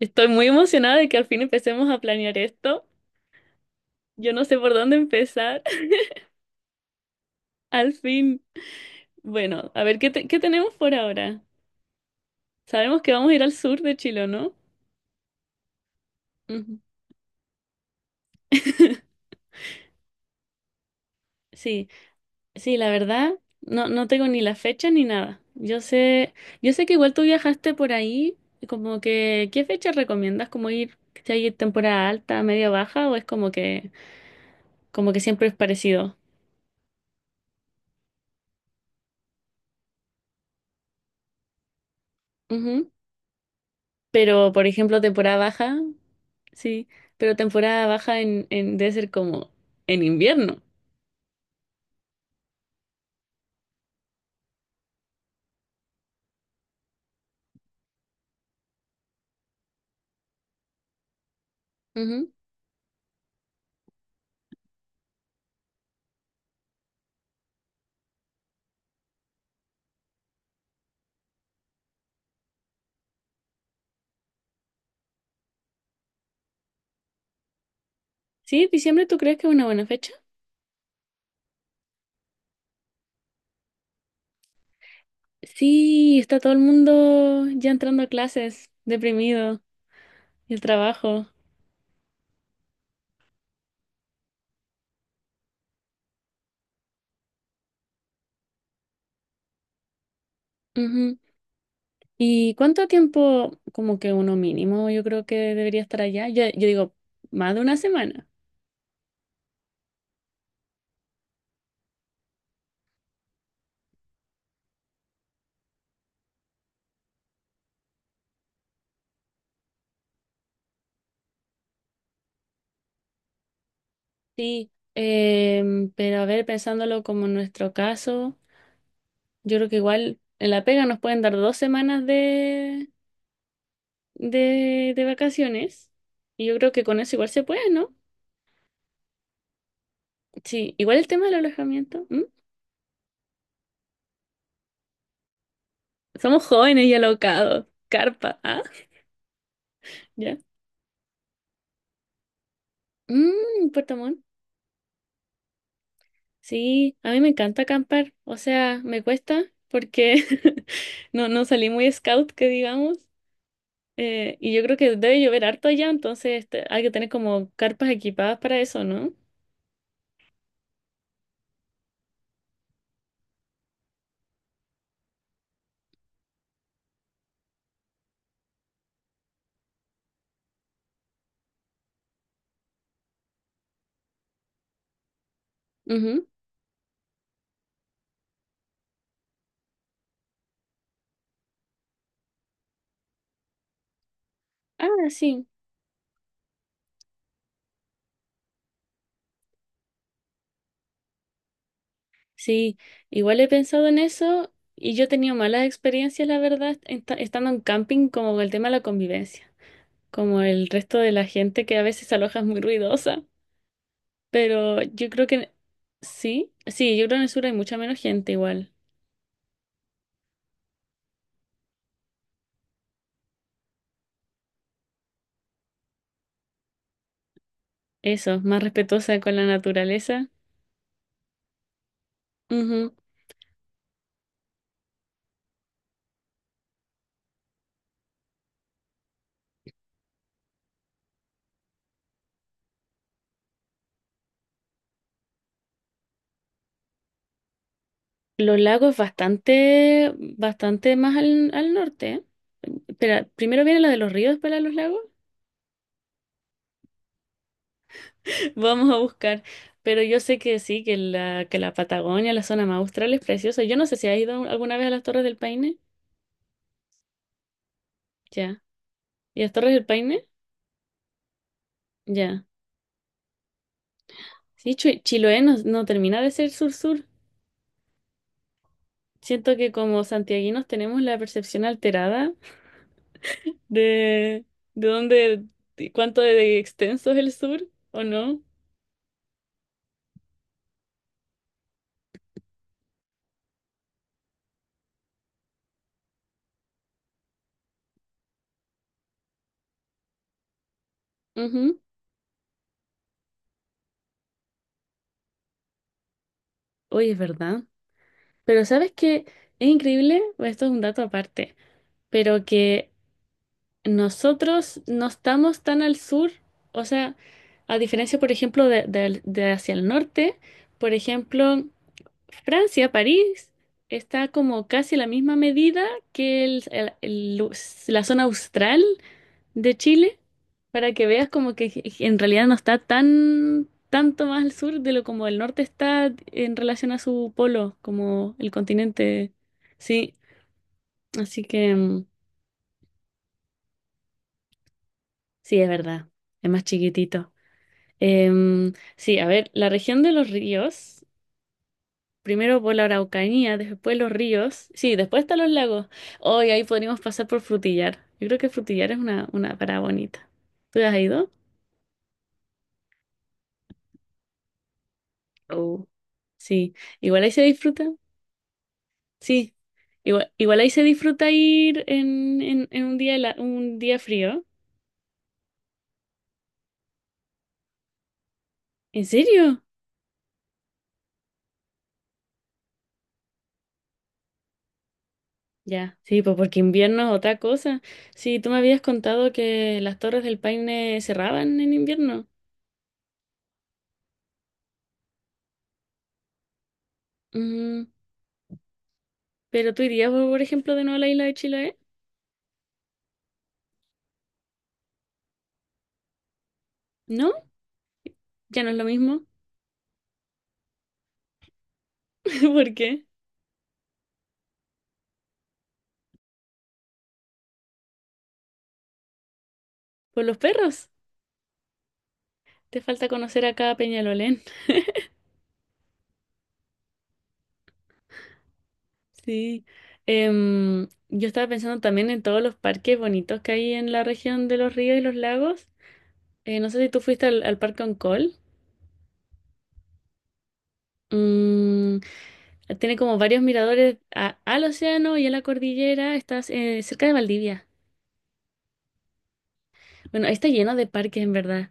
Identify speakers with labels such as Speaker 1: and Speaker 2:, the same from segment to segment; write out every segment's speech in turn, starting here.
Speaker 1: Estoy muy emocionada de que al fin empecemos a planear esto. Yo no sé por dónde empezar. Al fin, bueno, a ver, ¿qué, qué tenemos por ahora? Sabemos que vamos a ir al sur de Chile, ¿no? Ujú. Sí, sí, la verdad, no, no tengo ni la fecha ni nada. Yo sé que igual tú viajaste por ahí, como que, ¿qué fecha recomiendas? ¿Como ir, si hay temporada alta, media baja, o es como que siempre es parecido? Ujú. Pero, por ejemplo, temporada baja. Sí, pero temporada baja debe ser como en invierno. Ujú. Sí, diciembre, ¿tú crees que es una buena fecha? Sí, está todo el mundo ya entrando a clases, deprimido, y el trabajo. Ujú. ¿Y cuánto tiempo, como que uno mínimo, yo creo que debería estar allá? Yo digo, más de una semana. Sí, pero a ver, pensándolo como en nuestro caso, yo creo que igual en la pega nos pueden dar dos semanas de vacaciones. Y yo creo que con eso igual se puede, ¿no? Sí, igual el tema del alojamiento. ¿M? Somos jóvenes y alocados. Carpa, ¿ah? Ya. Mmm, Puerto Montt. Sí, a mí me encanta acampar. O sea, me cuesta porque no, no salí muy scout, que digamos. Y yo creo que debe llover harto allá, entonces este, hay que tener como carpas equipadas para eso, ¿no? Ujú. Ah, sí. Sí, igual he pensado en eso y yo he tenido malas experiencias, la verdad, en estando en camping como con el tema de la convivencia, como el resto de la gente que a veces se aloja es muy ruidosa, pero yo creo que sí, sí, yo creo que en el sur hay mucha menos gente igual, eso, más respetuosa con la naturaleza. Ujú. Los lagos bastante, bastante más al, al norte, ¿eh? Espera, primero viene la de los ríos, para los lagos. Vamos a buscar. Pero yo sé que sí, que que la Patagonia, la zona más austral es preciosa. Yo no sé si has ido alguna vez a las Torres del Paine. Ya. ¿Y las Torres del Paine? Ya. Sí, Chiloé no, no termina de ser sur-sur. Siento que como santiaguinos tenemos la percepción alterada de, de dónde, de cuánto de extenso es el sur, ¿o no? Ujú. Oye, es verdad. Pero ¿sabes qué? Es increíble, esto es un dato aparte, pero que nosotros no estamos tan al sur, o sea, a diferencia, por ejemplo, de hacia el norte, por ejemplo, Francia, París, está como casi a la misma medida que la zona austral de Chile, para que veas como que en realidad no está tan tanto más al sur de lo como el norte está en relación a su polo, como el continente. Sí, así que sí, es verdad, es más chiquitito. Sí, a ver, la región de los ríos, primero por la Araucanía, después los ríos, sí, después están los lagos. Hoy ahí podríamos pasar por Frutillar. Yo creo que Frutillar es una parada bonita. ¿Tú has ido? Oh. Sí, igual ahí se disfruta. Sí, igual, igual ahí se disfruta ir en un día, un día frío. ¿En serio? Ya, sí, pues porque invierno es otra cosa. Sí, tú me habías contado que las Torres del Paine cerraban en invierno. Mm, pero tú irías, por ejemplo, de nuevo a la isla de Chiloé. ¿No? Ya no es lo mismo. ¿Por qué? Por los perros. Te falta conocer acá a Peñalolén. Sí. Yo estaba pensando también en todos los parques bonitos que hay en la región de los ríos y los lagos. No sé si tú fuiste al Parque Oncol. Mm, tiene como varios miradores al océano y a la cordillera. Estás cerca de Valdivia. Bueno, ahí está lleno de parques en verdad.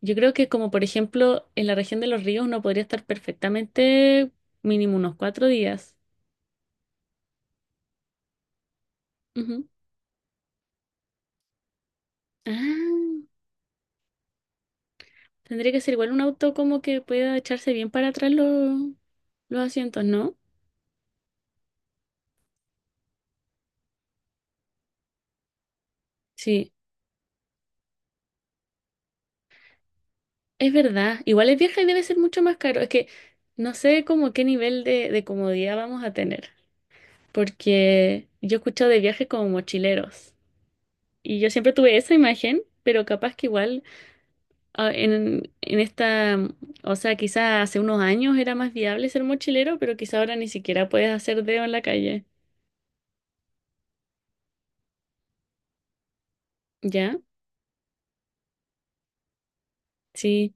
Speaker 1: Yo creo que como por ejemplo en la región de los ríos uno podría estar perfectamente mínimo unos cuatro días. Ujú. Ah, tendría que ser igual un auto como que pueda echarse bien para atrás los asientos, ¿no? Sí, es verdad. Igual es vieja y debe ser mucho más caro. Es que no sé como qué nivel de comodidad vamos a tener. Porque yo he escuchado de viajes como mochileros. Y yo siempre tuve esa imagen, pero capaz que igual en esta, o sea, quizás hace unos años era más viable ser mochilero, pero quizá ahora ni siquiera puedes hacer dedo en la calle. ¿Ya? Sí.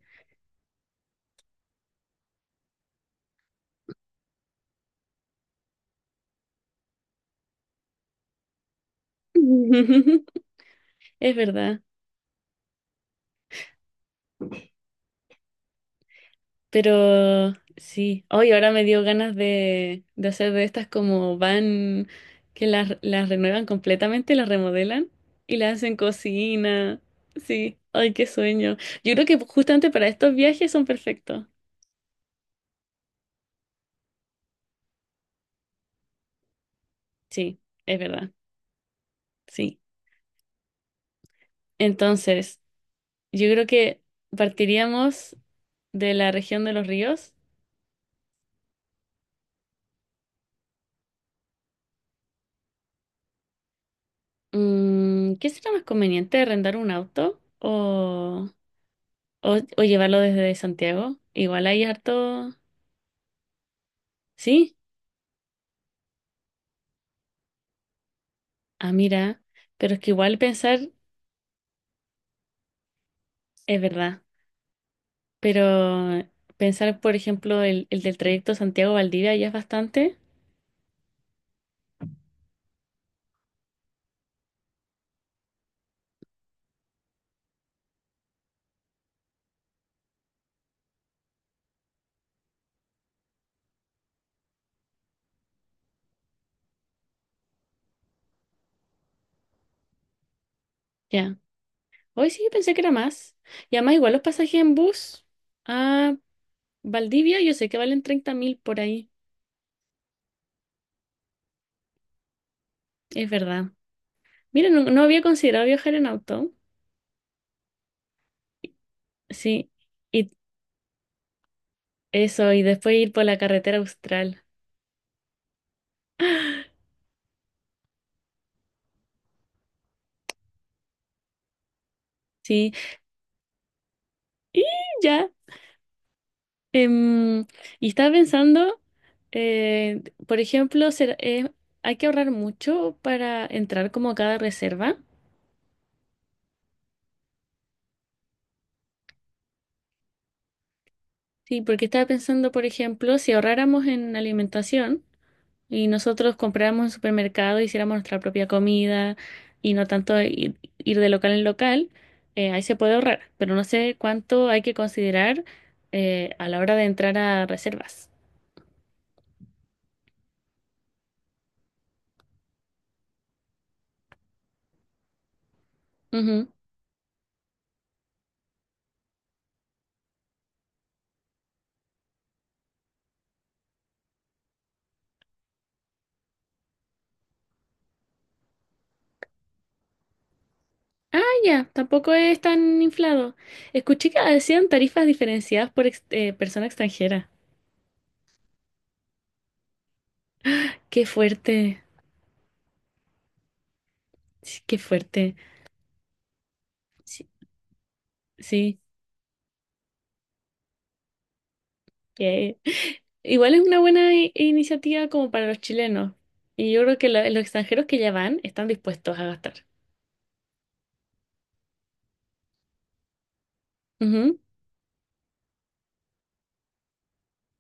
Speaker 1: Es verdad. Pero sí. Hoy ahora me dio ganas de hacer de estas como van, que las renuevan completamente, las remodelan y las hacen cocina. Sí. Ay, qué sueño. Yo creo que justamente para estos viajes son perfectos. Sí, es verdad. Sí. Entonces. Yo creo que partiríamos de la región de los ríos. Mm, ¿qué será más conveniente, rentar un auto o llevarlo desde Santiago? Igual hay harto... Sí, ah, mira, pero es que igual pensar es verdad, pero pensar, por ejemplo, el del trayecto Santiago-Valdivia ya es bastante, ya. Hoy sí, pensé que era más. Y además igual los pasajes en bus a Valdivia, yo sé que valen 30.000 por ahí, es verdad. Mira, no, no había considerado viajar en auto. Sí, y eso, y después ir por la carretera austral. Sí, y ya. em, y estaba pensando, por ejemplo, hay que ahorrar mucho para entrar como a cada reserva. Sí, porque estaba pensando, por ejemplo, si ahorráramos en alimentación. Y nosotros compráramos en supermercado, hiciéramos nuestra propia comida y no tanto ir, ir de local en local, ahí se puede ahorrar, pero no sé cuánto hay que considerar a la hora de entrar a reservas. Ujú. Ah, ya, tampoco es tan inflado. Escuché que decían tarifas diferenciadas por persona extranjera. Qué fuerte, sí, qué fuerte. Sí, sí, qué. Igual es una buena iniciativa como para los chilenos. Y yo creo que los extranjeros que ya van están dispuestos a gastar. Ujú.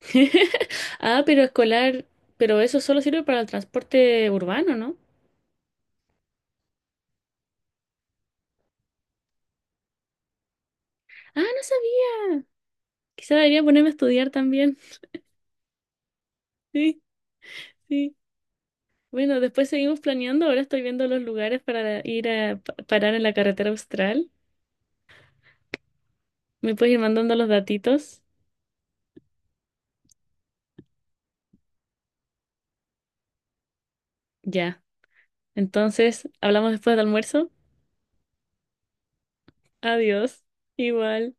Speaker 1: Ah, pero escolar, pero eso solo sirve para el transporte urbano, ¿no? Ah, no sabía. Quizá debería ponerme a estudiar también. Sí, sí. Bueno, después seguimos planeando. Ahora estoy viendo los lugares para ir a parar en la carretera austral. ¿Me puedes ir mandando los datitos? Ya. Entonces, hablamos después del almuerzo. Adiós. Igual.